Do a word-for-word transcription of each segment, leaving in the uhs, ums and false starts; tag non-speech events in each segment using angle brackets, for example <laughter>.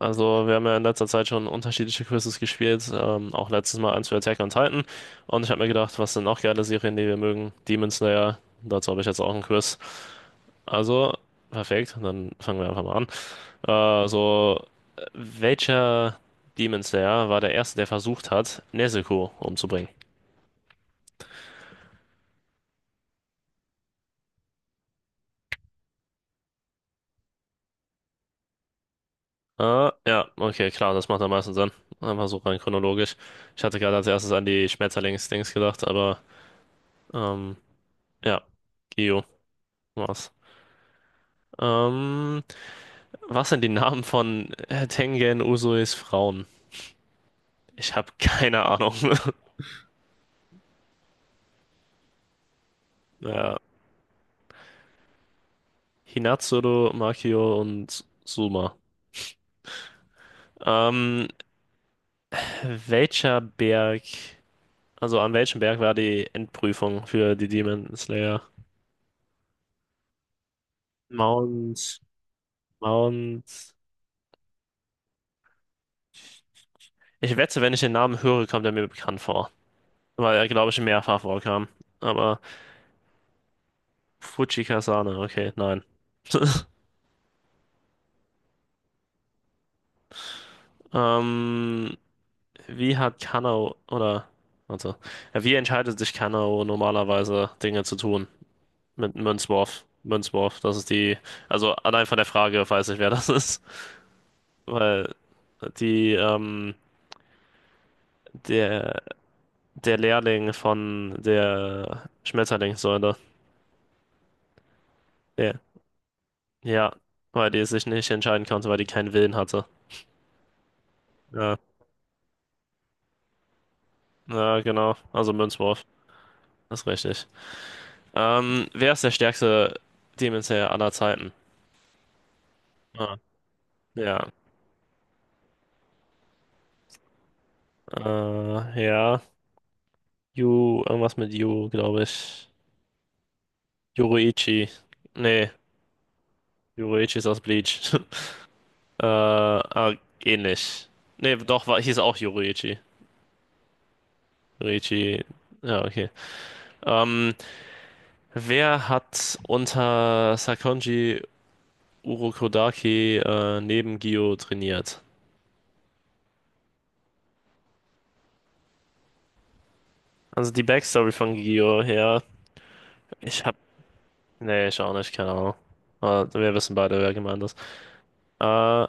Also, wir haben ja in letzter Zeit schon unterschiedliche Quizzes gespielt, ähm, auch letztes Mal eins für Attack on Titan. Und ich habe mir gedacht, was sind noch geile Serien, die wir mögen? Demon Slayer, dazu habe ich jetzt auch ein Quiz. Also, perfekt, dann fangen wir einfach mal an. Äh, so, welcher Demon Slayer war der erste, der versucht hat, Nezuko umzubringen? Äh, ja, okay, klar, das macht am meisten Sinn. Einfach so rein chronologisch. Ich hatte gerade als erstes an die Schmetterlings-Dings gedacht, aber ähm, ja, Gio war's. Ähm, Was sind die Namen von äh, Tengen Usuis Frauen? Ich habe keine Ahnung. <laughs> Ja. Hinatsuru, Makio und Suma. Ähm, welcher Berg, also an welchem Berg war die Endprüfung für die Demon Slayer? Mount, Mount. Ich wette, wenn ich den Namen höre, kommt er mir bekannt vor. Weil er, glaube ich, mehrfach vorkam. Aber Fujikasane, okay, nein. <laughs> Ähm, Wie hat Kanao oder warte, ja, wie entscheidet sich Kanao normalerweise Dinge zu tun mit einem Münzwurf? Münzwurf, das ist die, also allein von der Frage weiß ich, wer das ist, weil die ähm, der der Lehrling von der Schmetterlingssäule, der, ja, weil die sich nicht entscheiden konnte, weil die keinen Willen hatte. Ja, ja, genau, also Münzwurf, das ist richtig. Ähm, wer ist der stärkste Demon Slayer aller Zeiten? Ah, ja. Äh, ja. Yu, irgendwas mit Yu, glaube ich. Yoruichi. Nee, Yoruichi ist aus Bleach. <laughs> Äh, ah, ähnlich. Nee, doch, war, hieß auch Yoruichi. Yoruichi. Ja, okay. Ähm, wer hat unter Sakonji Urokodaki äh, neben Gio trainiert? Also die Backstory von Gio, ja. Ich hab. Nee, ich auch nicht, keine Ahnung. Aber wir wissen beide, wer gemeint ist. Äh,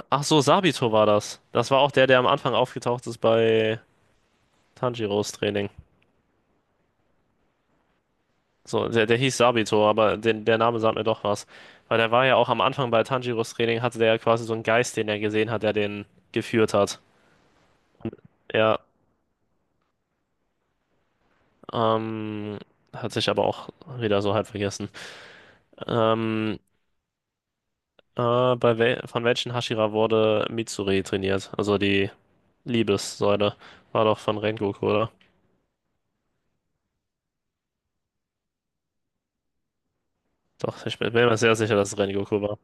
ach so, Sabito war das. Das war auch der, der am Anfang aufgetaucht ist bei Tanjiros Training. So, der, der hieß Sabito, aber den, der Name sagt mir doch was. Weil der war ja auch am Anfang bei Tanjiros Training, hatte der ja quasi so einen Geist, den er gesehen hat, der den geführt hat. Ja, ähm, hat sich aber auch wieder so halb vergessen. Ähm, äh, bei wel von welchen Hashira wurde Mitsuri trainiert? Also die Liebessäule. War doch von Rengoku, oder? Doch, ich bin bin mir sehr sicher, dass es Rengoku war.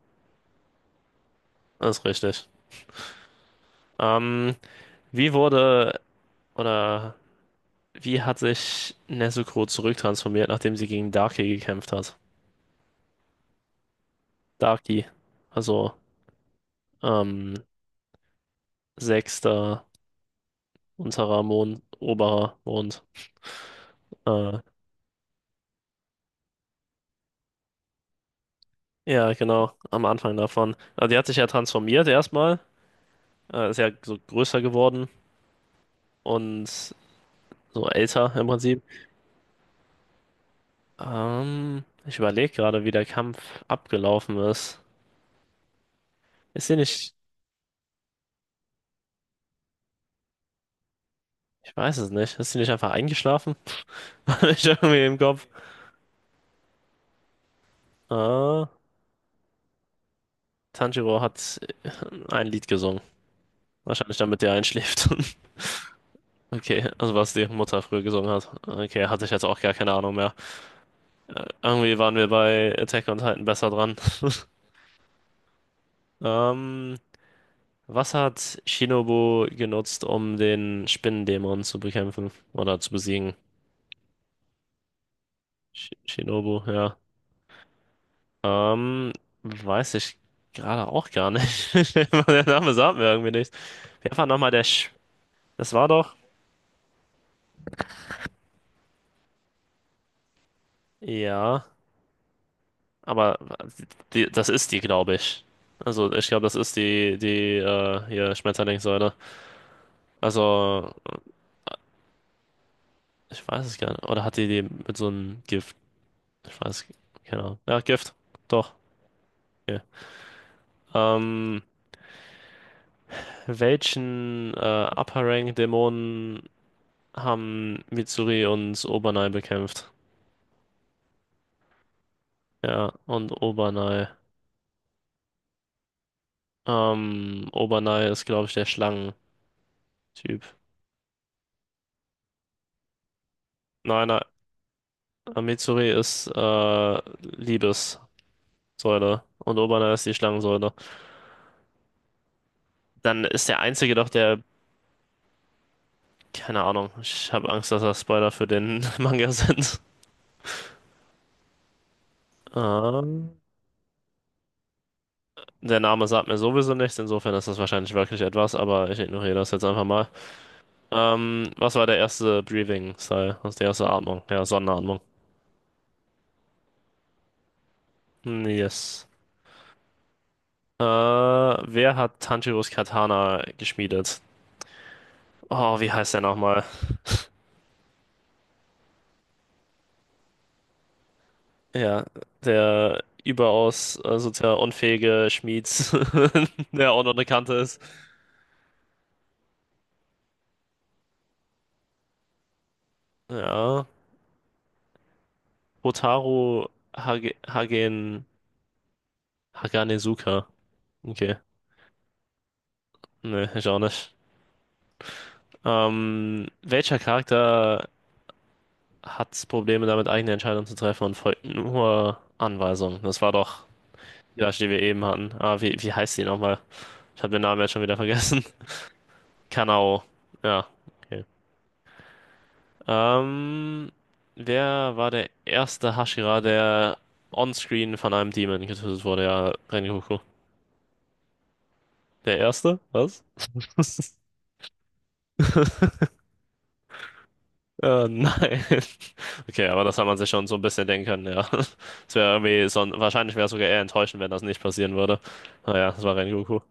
Das ist richtig. Ähm, wie wurde oder wie hat sich Nezuko zurücktransformiert, nachdem sie gegen Darkie gekämpft hat? Darkie, also ähm, sechster unterer Mond, oberer Mond. Äh, ja, genau, am Anfang davon. Also die hat sich ja transformiert erstmal, äh, ist ja so größer geworden und so älter im Prinzip. Ähm, ich überlege gerade, wie der Kampf abgelaufen ist. Ist sie nicht, ich weiß es nicht, ist sie nicht einfach eingeschlafen? <laughs> Ich irgendwie im Kopf. Ah, Tanjiro hat äh, ein Lied gesungen. Wahrscheinlich damit der einschläft. <laughs> Okay, also was die Mutter früher gesungen hat. Okay, hatte ich jetzt auch gar keine Ahnung mehr. Äh, Irgendwie waren wir bei Attack on Titan besser dran. <laughs> Ähm, was hat Shinobu genutzt, um den Spinnendämon zu bekämpfen oder zu besiegen? Sh Shinobu, ja. Ähm, weiß ich gerade auch gar nicht. <laughs> Der Name sagt mir irgendwie nichts. Wer war nochmal der Sch Das war doch. Ja, aber die, das ist die, glaube ich. Also ich glaube, das ist die, die äh, hier Schmetterlingssäule. Also ich weiß es gar nicht. Oder hat die die mit so einem Gift? Ich weiß, keine Ahnung. Ja, Gift. Doch. Okay. Ähm, welchen äh, Upper Rank Dämonen haben Mitsuri und Obernai bekämpft? Ja, und Obernai. Ähm, Obernai ist, glaube ich, der Schlangentyp. Nein, nein. äh, Mitsuri ist äh, Liebes. Säule und Oberner ist die Schlangensäule. Dann ist der einzige doch der, keine Ahnung, ich habe Angst, dass das Spoiler für den <laughs> Manga sind. Ähm, der Name sagt mir sowieso nichts, insofern ist das wahrscheinlich wirklich etwas, aber ich ignoriere das jetzt einfach mal. Ähm, was war der erste Breathing-Style? Was ist die erste Atmung? Ja, Sonnenatmung. Hm, Yes. Äh, wer hat Tanjiros Katana geschmiedet? Oh, wie heißt der nochmal? Ja, der überaus äh, sozial unfähige Schmied, <laughs> der auch noch eine Kante ist. Ja, Hotaru Hage, Hagen, Haganezuka. Okay, ne, ich auch nicht. Ähm, welcher Charakter hat Probleme damit, eigene Entscheidungen zu treffen und folgt nur Anweisungen? Das war doch die, Flasche, die wir eben hatten. Ah, wie, wie heißt die nochmal? Ich habe den Namen jetzt schon wieder vergessen. <laughs> Kanao. Ja, okay. Ähm, wer war der erste Hashira, der onscreen von einem Demon getötet wurde? Ja, Rengoku. Der erste? Was? <laughs> Äh, nein. Okay, aber das hat man sich schon so ein bisschen denken können, ja. Es wäre irgendwie so, wahrscheinlich wäre es sogar eher enttäuschend, wenn das nicht passieren würde. Naja, das war Rengoku.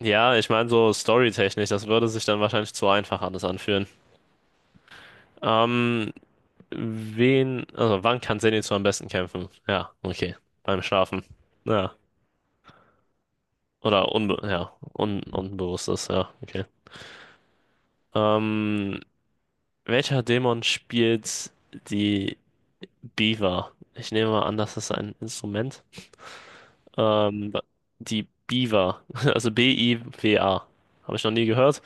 Ja, ich meine, so storytechnisch, das würde sich dann wahrscheinlich zu einfach alles anfühlen. Ähm, wen, also wann kann Zenitsu am besten kämpfen? Ja, okay. Beim Schlafen. Ja. Oder unbe ja, un unbewusstes, ja, okay. Ähm, welcher Dämon spielt die Biwa? Ich nehme mal an, das ist ein Instrument. Ähm, die Biwa, <laughs> also B-I-W-A. Habe ich noch nie gehört.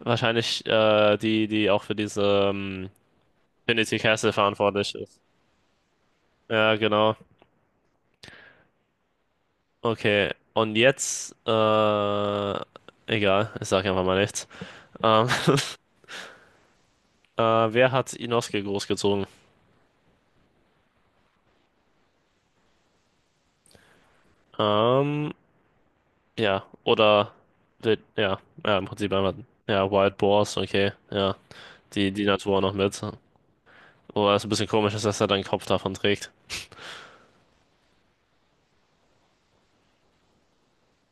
Wahrscheinlich äh, die, die auch für diese ähm, Trinity Castle verantwortlich ist. Ja, genau. Okay. Und jetzt, äh, egal, ich sage einfach mal nichts. Ähm, <laughs> äh, wer hat Inosuke großgezogen? Ähm, Ja, oder wild, ja, ja, im Prinzip einmal, ja, Wild Boars, okay, ja, die, die Natur noch mit. Oder ist ein bisschen komisch, ist, dass er dann Kopf davon trägt.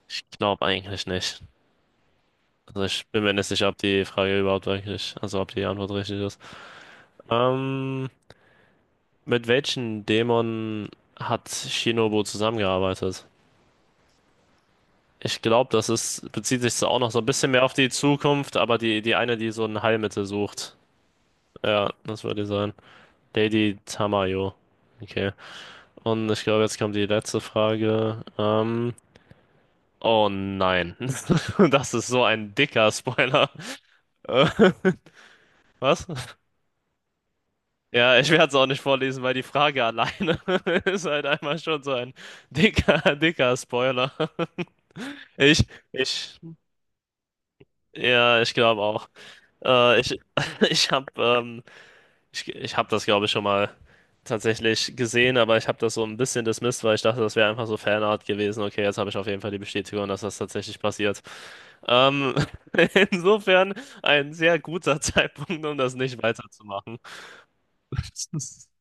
Ich glaube eigentlich nicht. Also ich bin mir nicht sicher, ob die Frage überhaupt wirklich, also ob die Antwort richtig ist. Ähm, mit welchen Dämonen hat Shinobu zusammengearbeitet? Ich glaube, das ist, bezieht sich so auch noch so ein bisschen mehr auf die Zukunft, aber die, die eine, die so ein Heilmittel sucht. Ja, das würde die sein. Lady Tamayo. Okay. Und ich glaube, jetzt kommt die letzte Frage. Ähm, oh nein. <laughs> Das ist so ein dicker Spoiler. <laughs> Äh, Was? Ja, ich werde es auch nicht vorlesen, weil die Frage alleine <laughs> ist halt einmal schon so ein dicker, dicker Spoiler. <laughs> Ich, ich, ja, ich glaube auch. Äh, ich, <laughs> ich habe ähm, Ich, ich habe das, glaube ich, schon mal tatsächlich gesehen, aber ich habe das so ein bisschen dismissed, weil ich dachte, das wäre einfach so Fanart gewesen. Okay, jetzt habe ich auf jeden Fall die Bestätigung, dass das tatsächlich passiert. Ähm, <laughs> insofern ein sehr guter Zeitpunkt, um das nicht weiterzumachen. <laughs>